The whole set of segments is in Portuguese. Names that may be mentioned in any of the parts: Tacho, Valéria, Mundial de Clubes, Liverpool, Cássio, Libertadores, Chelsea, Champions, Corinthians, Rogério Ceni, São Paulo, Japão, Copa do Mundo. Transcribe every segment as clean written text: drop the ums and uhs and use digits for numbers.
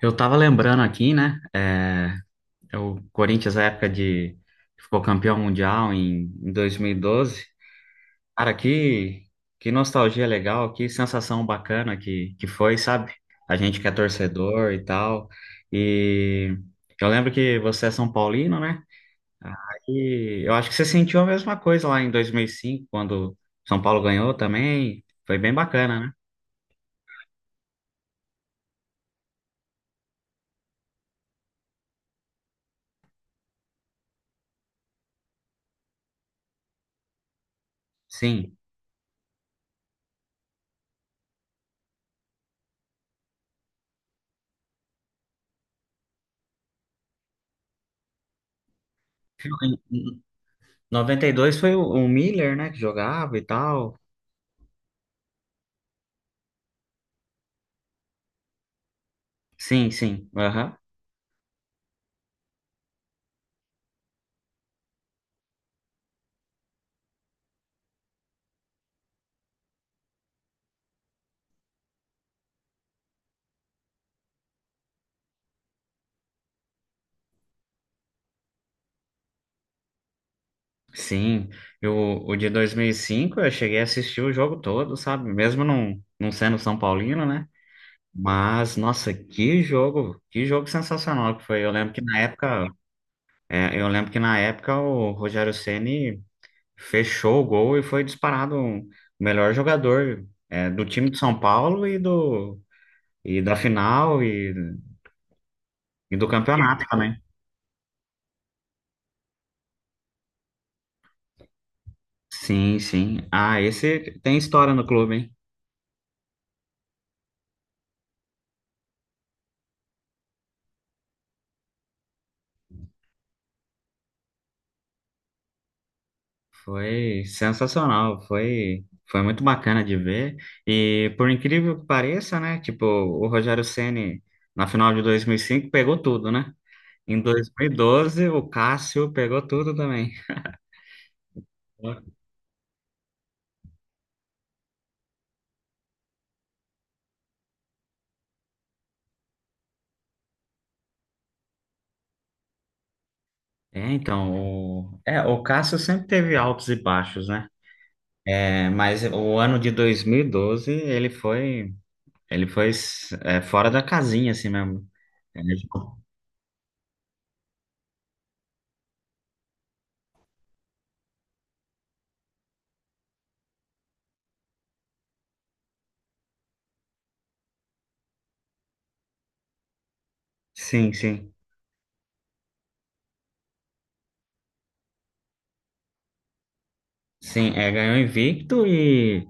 Eu tava lembrando aqui, né? É o Corinthians, a época de que ficou campeão mundial em 2012. Cara, que nostalgia legal, que sensação bacana que foi, sabe? A gente que é torcedor e tal. E eu lembro que você é São Paulino, né? E eu acho que você sentiu a mesma coisa lá em 2005, quando São Paulo ganhou também. Foi bem bacana, né? Sim. Em 92 foi o Miller, né, que jogava e tal. Sim, sim. Aham. Sim. Eu, o de 2005 eu cheguei a assistir o jogo todo, sabe? Mesmo não sendo São Paulino, né? Mas, nossa, que jogo sensacional que foi. Eu lembro que na época o Rogério Ceni fechou o gol e foi disparado o melhor jogador, do time de São Paulo e da final e do campeonato também. Sim, sim. Ah, esse tem história no clube, hein? Foi sensacional, foi muito bacana de ver. E por incrível que pareça, né? Tipo, o Rogério Ceni na final de 2005 pegou tudo, né? Em 2012, o Cássio pegou tudo também. O Cássio sempre teve altos e baixos, né? É, mas o ano de 2012, ele foi fora da casinha, assim mesmo. É, tipo, sim, sim. Sim, ganhou invicto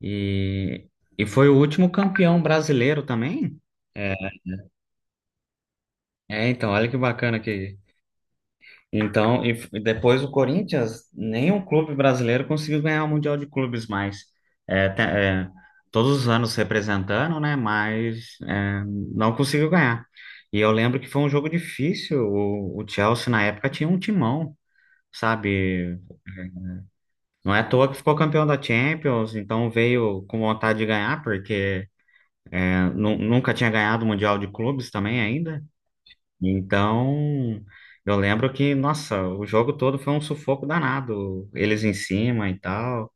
E, e foi o último campeão brasileiro também? É, é, então, olha que bacana que. Então, e depois o Corinthians, nenhum clube brasileiro conseguiu ganhar o Mundial de Clubes mais. É, te- é, todos os anos representando, né? Mas não conseguiu ganhar. E eu lembro que foi um jogo difícil. O Chelsea, na época, tinha um timão, sabe? Não é à toa que ficou campeão da Champions, então veio com vontade de ganhar, porque. Nunca tinha ganhado o Mundial de Clubes também ainda. Então, eu lembro que, nossa, o jogo todo foi um sufoco danado. Eles em cima e tal.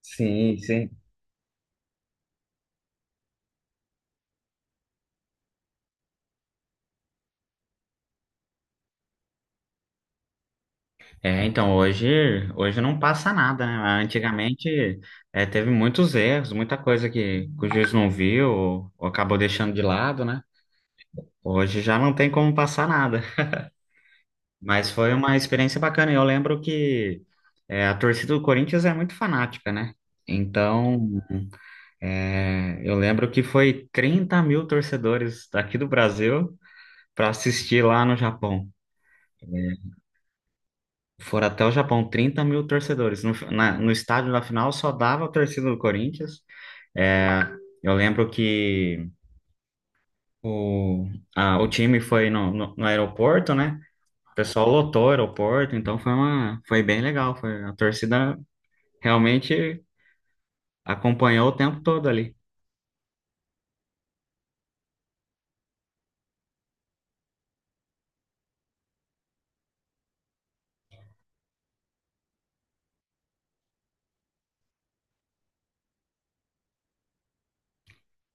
Sim, sim. É, então hoje não passa nada, né? Antigamente teve muitos erros, muita coisa que o juiz não viu ou acabou deixando de lado, né? Hoje já não tem como passar nada. Mas foi uma experiência bacana. E eu lembro que a torcida do Corinthians é muito fanática, né? Então. É, eu lembro que foi 30 mil torcedores daqui do Brasil para assistir lá no Japão. É, foram até o Japão, 30 mil torcedores. No estádio da final só dava a torcida do Corinthians. É, eu lembro que o, o time foi no aeroporto, né? O pessoal lotou o aeroporto, então foi foi bem legal. Foi, a torcida realmente acompanhou o tempo todo ali.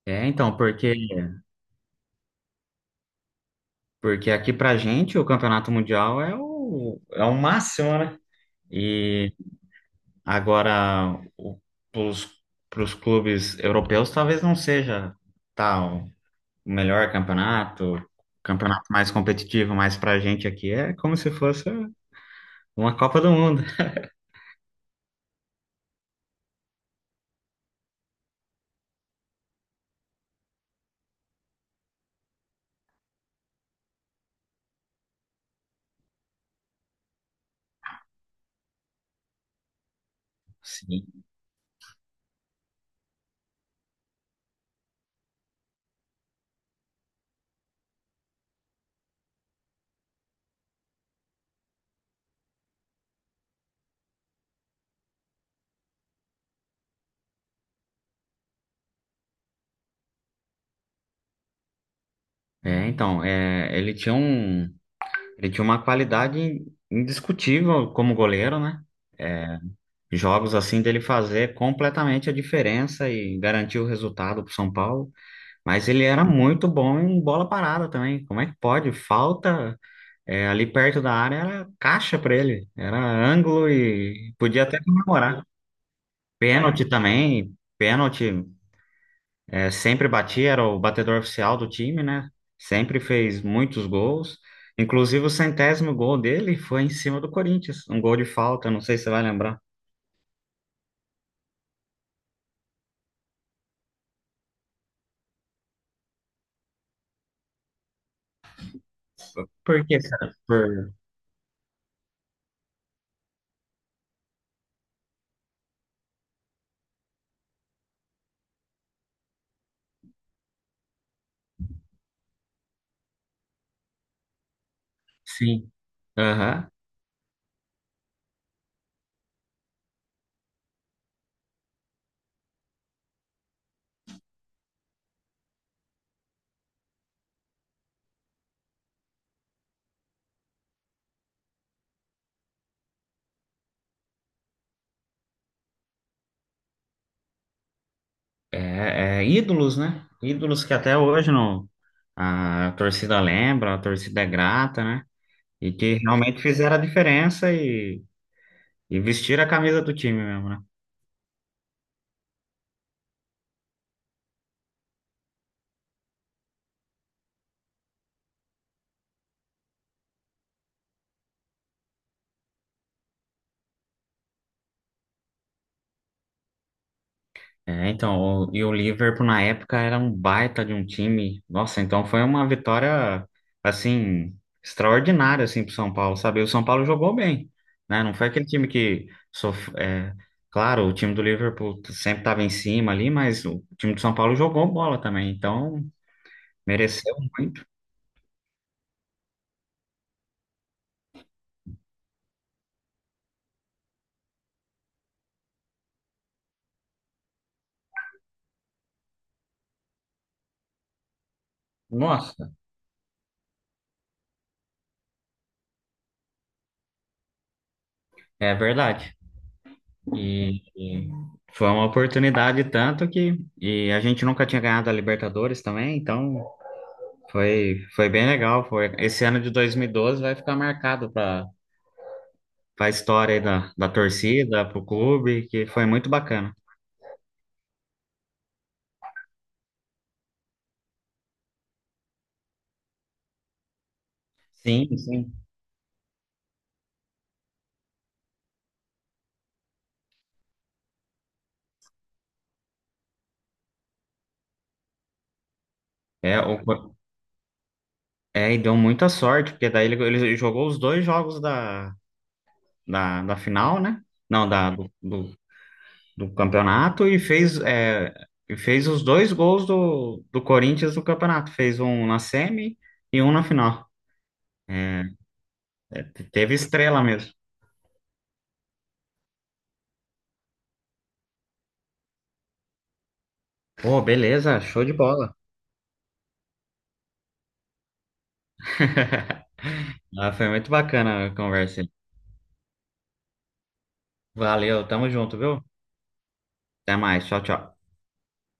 É, então, porque Porque aqui pra gente o campeonato mundial é é o máximo, né? E agora pros, pros clubes europeus talvez não seja tal o melhor campeonato, o campeonato mais competitivo, mas pra gente aqui é como se fosse uma Copa do Mundo. Sim. É, então, é, ele tinha um, ele tinha uma qualidade indiscutível como goleiro, né? É, jogos assim dele fazer completamente a diferença e garantir o resultado para o São Paulo, mas ele era muito bom em bola parada também. Como é que pode? Falta ali perto da área era caixa para ele, era ângulo e podia até comemorar. Pênalti também, pênalti sempre batia, era o batedor oficial do time, né? Sempre fez muitos gols. Inclusive o 100º gol dele foi em cima do Corinthians, um gol de falta, não sei se você vai lembrar. Por que, cara? Sim. Aham. Ídolos, né? Ídolos que até hoje não, a torcida lembra, a torcida é grata, né? E que realmente fizeram a diferença e vestiram a camisa do time mesmo, né? E o Liverpool na época era um baita de um time. Nossa, então foi uma vitória assim extraordinária assim pro São Paulo, sabe? O São Paulo jogou bem, né? Não foi aquele time que sof... é, claro, o time do Liverpool sempre estava em cima ali, mas o time do São Paulo jogou bola também, então mereceu muito. Nossa, é verdade. E foi uma oportunidade tanto que e a gente nunca tinha ganhado a Libertadores também, então foi bem legal, foi. Esse ano de 2012 vai ficar marcado para a história aí da torcida, para o clube, que foi muito bacana. Sim, sim. É, o- É, e deu muita sorte, porque daí ele jogou os dois jogos da final, né? Não, do campeonato e fez os dois gols do Corinthians no campeonato. Fez um na semi e um na final. Teve estrela mesmo. Pô, beleza, show de bola. Ah, foi muito bacana a conversa. Valeu, tamo junto, viu? Até mais, tchau, tchau.